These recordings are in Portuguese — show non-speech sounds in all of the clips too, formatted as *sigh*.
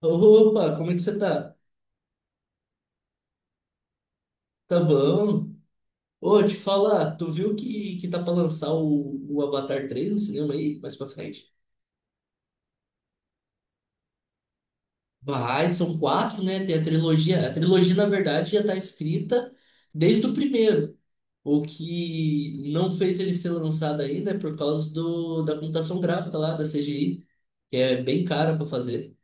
Opa, como é que você tá? Tá bom? Ô, te falar, tu viu que tá pra lançar o Avatar 3 no cinema aí, mais pra frente? Vai, são quatro, né? Tem a trilogia. A trilogia, na verdade, já tá escrita desde o primeiro. O que não fez ele ser lançado ainda é por causa da computação gráfica lá, da CGI, que é bem cara pra fazer.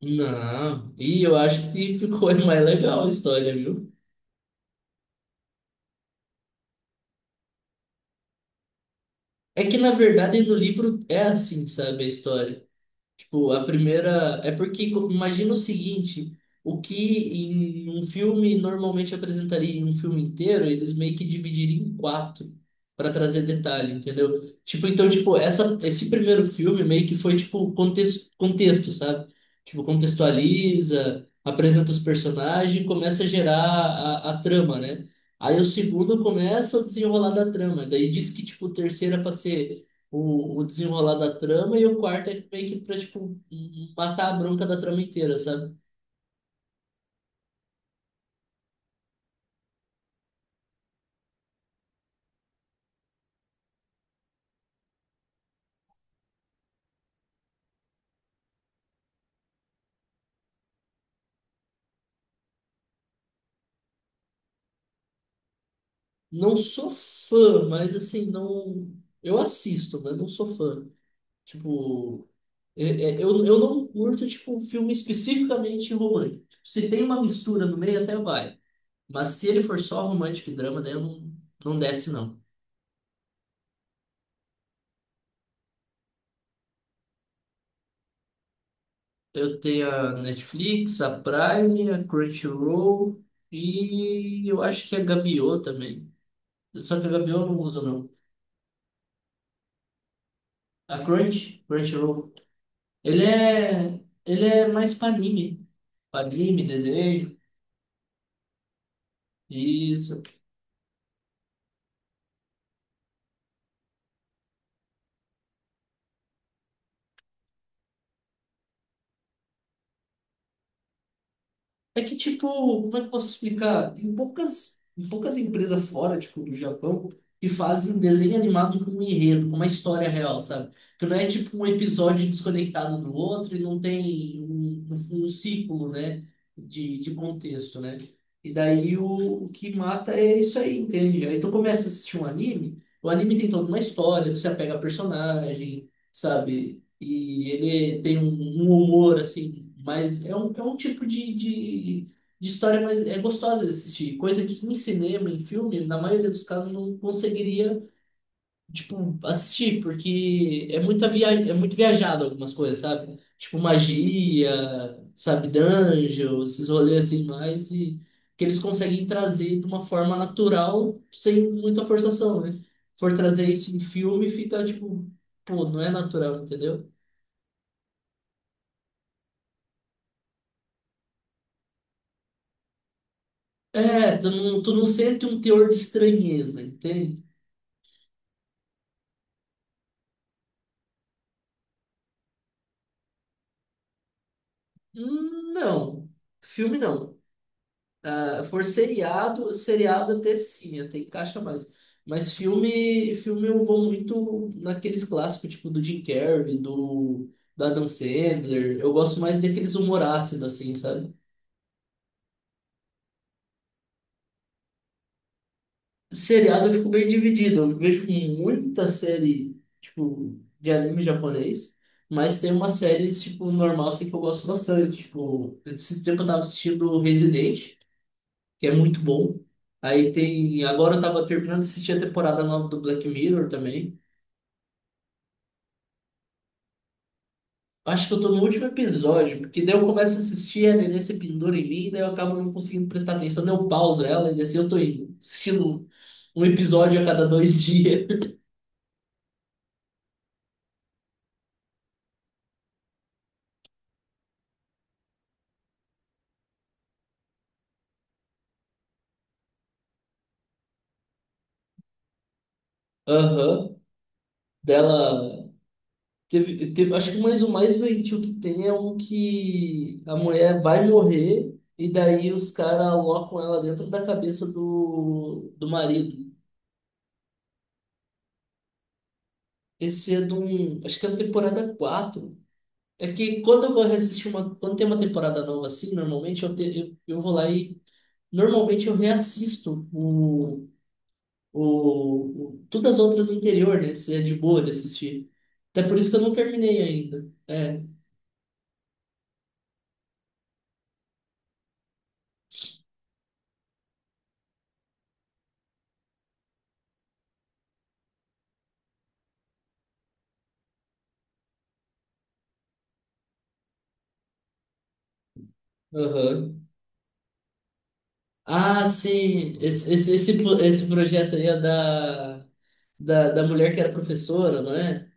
Não, e eu acho que ficou *laughs* mais legal a história, viu? É que na verdade no livro é assim, sabe, a história. Tipo, a primeira. É porque imagina o seguinte: o que em um filme normalmente apresentaria em um filme inteiro, eles meio que dividiriam em quatro para trazer detalhe, entendeu? Tipo, então, tipo, esse primeiro filme meio que foi tipo contexto, contexto, sabe? Tipo, contextualiza, apresenta os personagens, começa a gerar a trama, né? Aí o segundo começa o desenrolar da trama, daí diz que tipo o terceiro é para ser o desenrolar da trama, e o quarto é meio que pra, tipo, matar a bronca da trama inteira, sabe? Não sou fã, mas assim, não. Eu assisto, mas não sou fã. Tipo, é- eu não curto, tipo, um filme especificamente romântico. Tipo, se tem uma mistura no meio, até vai. Mas se ele for só romântico e drama, daí eu não, não desce, não. Eu tenho a Netflix, a Prime, a Crunchyroll e eu acho que a Gabiô também. Só que a Gabiô eu não uso, não. A Crunchyroll. Ele é mais pra anime. Pra anime, desenho. Isso. É que, tipo, como é que eu posso explicar? Tem poucas empresas fora, tipo, do Japão, que fazem desenho animado com um enredo, com uma história real, sabe? Que não é, tipo, um episódio desconectado do outro e não tem um ciclo, né, de contexto, né? E daí o que mata é isso aí, entende? Aí tu começa a assistir um anime, o anime tem toda uma história, tu se apega a personagem, sabe? E ele tem um humor assim, mas é um tipo de história mais é gostosa de assistir, coisa que em cinema, em filme, na maioria dos casos não conseguiria, tipo, assistir, porque é muito viajado algumas coisas, sabe? Tipo magia, sabe, dungeon, esses rolês assim mais e que eles conseguem trazer de uma forma natural, sem muita forçação, né? For trazer isso em filme, fica tipo, pô, não é natural, entendeu? É, tu não sente um teor de estranheza, entende? Não, filme não. Ah, For seriado, seriado até sim, até encaixa mais. Mas filme, filme eu vou muito naqueles clássicos, tipo do Jim Carrey, do Adam Sandler. Eu gosto mais daqueles humor ácido, assim, sabe? Seriado eu fico bem dividido. Eu vejo muita série, tipo, de anime japonês, mas tem uma série, tipo, normal, assim, que eu gosto bastante. Tipo, esses tempos eu tava assistindo Resident, que é muito bom. Aí tem. Agora eu tava terminando de assistir a temporada nova do Black Mirror também. Acho que eu tô no último episódio, porque daí eu começo a assistir, a Nenê se pendura em mim, daí eu acabo não conseguindo prestar atenção, daí eu pauso ela e assim eu tô indo. Assistindo um episódio a cada 2 dias. *laughs* Aham. Dela. Teve, acho que o mais doentio que tem é um que a mulher vai morrer e daí os caras alocam ela dentro da cabeça do marido. Esse é de um. Acho que é da temporada quatro. É que quando eu vou reassistir uma. Quando tem uma temporada nova assim, normalmente eu vou lá e. Normalmente eu reassisto o, todas as outras anteriores, né? Se é de boa de assistir. Até por isso que eu não terminei ainda. É. Aham. Ah, sim, esse projeto aí é da mulher que era professora, não é?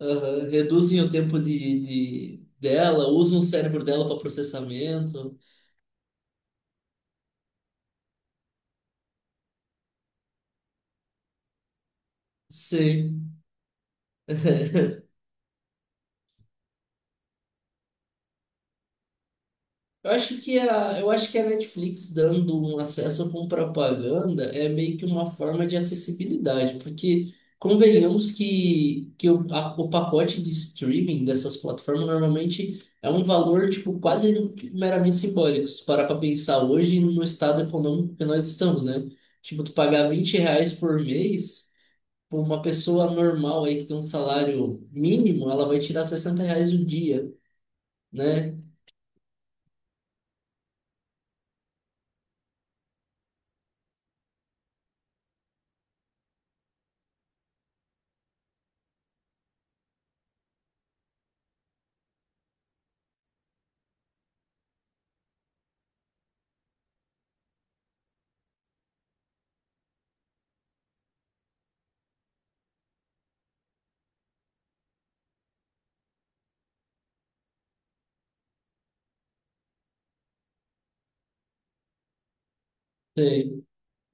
Aham, reduzem o tempo dela, usam o cérebro dela para processamento. Eu acho que a Netflix dando um acesso com propaganda é meio que uma forma de acessibilidade, porque convenhamos que o pacote de streaming dessas plataformas normalmente é um valor tipo quase meramente simbólico. Se tu parar para pensar hoje no estado econômico que nós estamos, né? Tipo, tu pagar R$ 20 por mês, por uma pessoa normal aí que tem um salário mínimo, ela vai tirar R$ 60 o dia, né?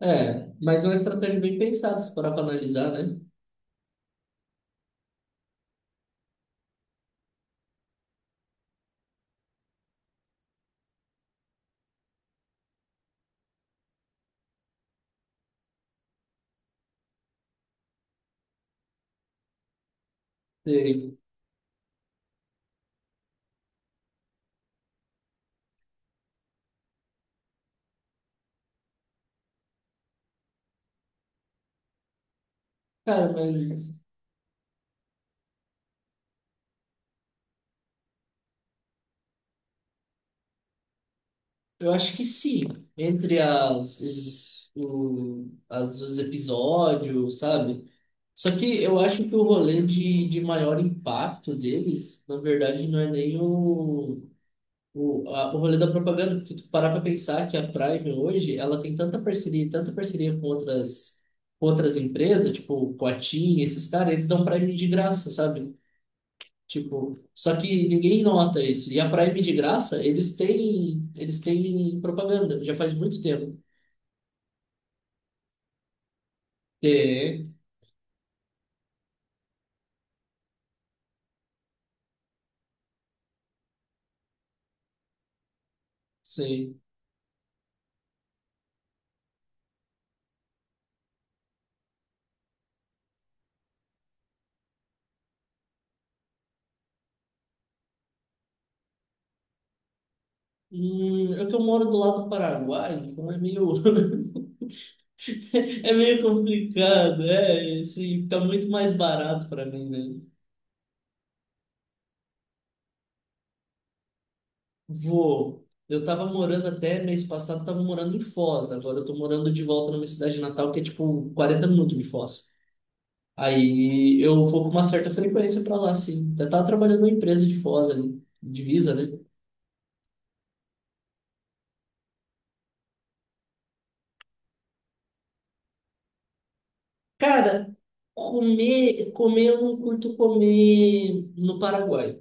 É, mas é uma estratégia bem pensada, se parar para analisar, né? Sei. Cara, mas eu acho que sim. Entre as, os, o, as, os episódios, sabe? Só que eu acho que o rolê de maior impacto deles, na verdade, não é nem o rolê da propaganda, porque tu parar para pensar que a Prime hoje, ela tem tanta parceria com outras empresas, tipo com a TIM, esses caras, eles dão Prime de graça, sabe? Tipo, só que ninguém nota isso. E a Prime de graça, eles têm propaganda, já faz muito tempo. Tem, sim. É que eu moro do lado do Paraguai, então é meio, *laughs* é meio complicado, é, assim, fica muito mais barato para mim, né? Vou. Eu tava morando até mês passado, tava morando em Foz, agora eu tô morando de volta na minha cidade natal, que é tipo 40 minutos de Foz. Aí eu vou com uma certa frequência para lá, sim. Eu tava trabalhando numa empresa de Foz ali, divisa, né? Cara, comer, comer eu não curto comer no Paraguai.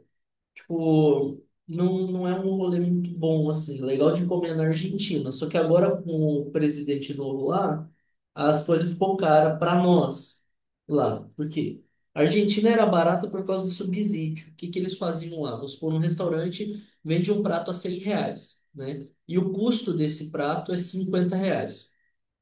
Tipo, não, não é um rolê muito bom, assim. É legal de comer na Argentina. Só que agora, com o presidente novo lá, as coisas ficou cara para nós lá. Por quê? A Argentina era barata por causa do subsídio. O que que eles faziam lá? Vamos supor, num restaurante vende um prato a R$ 100, né? E o custo desse prato é R$ 50.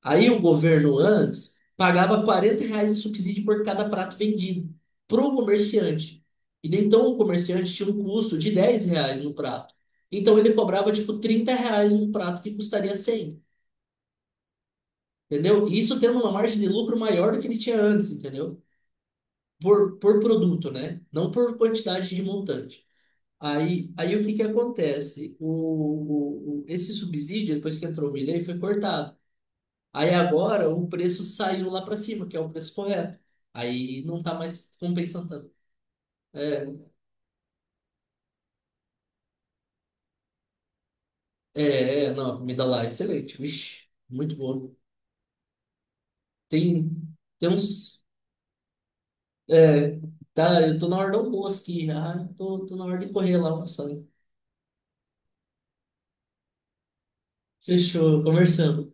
Aí o governo antes pagava R$ 40 de subsídio por cada prato vendido para o comerciante. E daí, então o comerciante tinha um custo de R$ 10 no prato. Então ele cobrava tipo R$ 30 um prato que custaria 100, entendeu? E isso tendo uma margem de lucro maior do que ele tinha antes, entendeu? Por produto, né? Não por quantidade de montante. Aí o que que acontece? Esse subsídio, depois que entrou o Milei, foi cortado. Aí agora o preço saiu lá para cima, que é o preço correto. Aí não tá mais compensando tanto. É, é, não, a comida lá é excelente. Vixe, muito boa. Tem, tem uns. É, tá, eu tô na hora do almoço aqui já. Ah, Tô na hora de correr lá almoçando. Fechou, conversamos.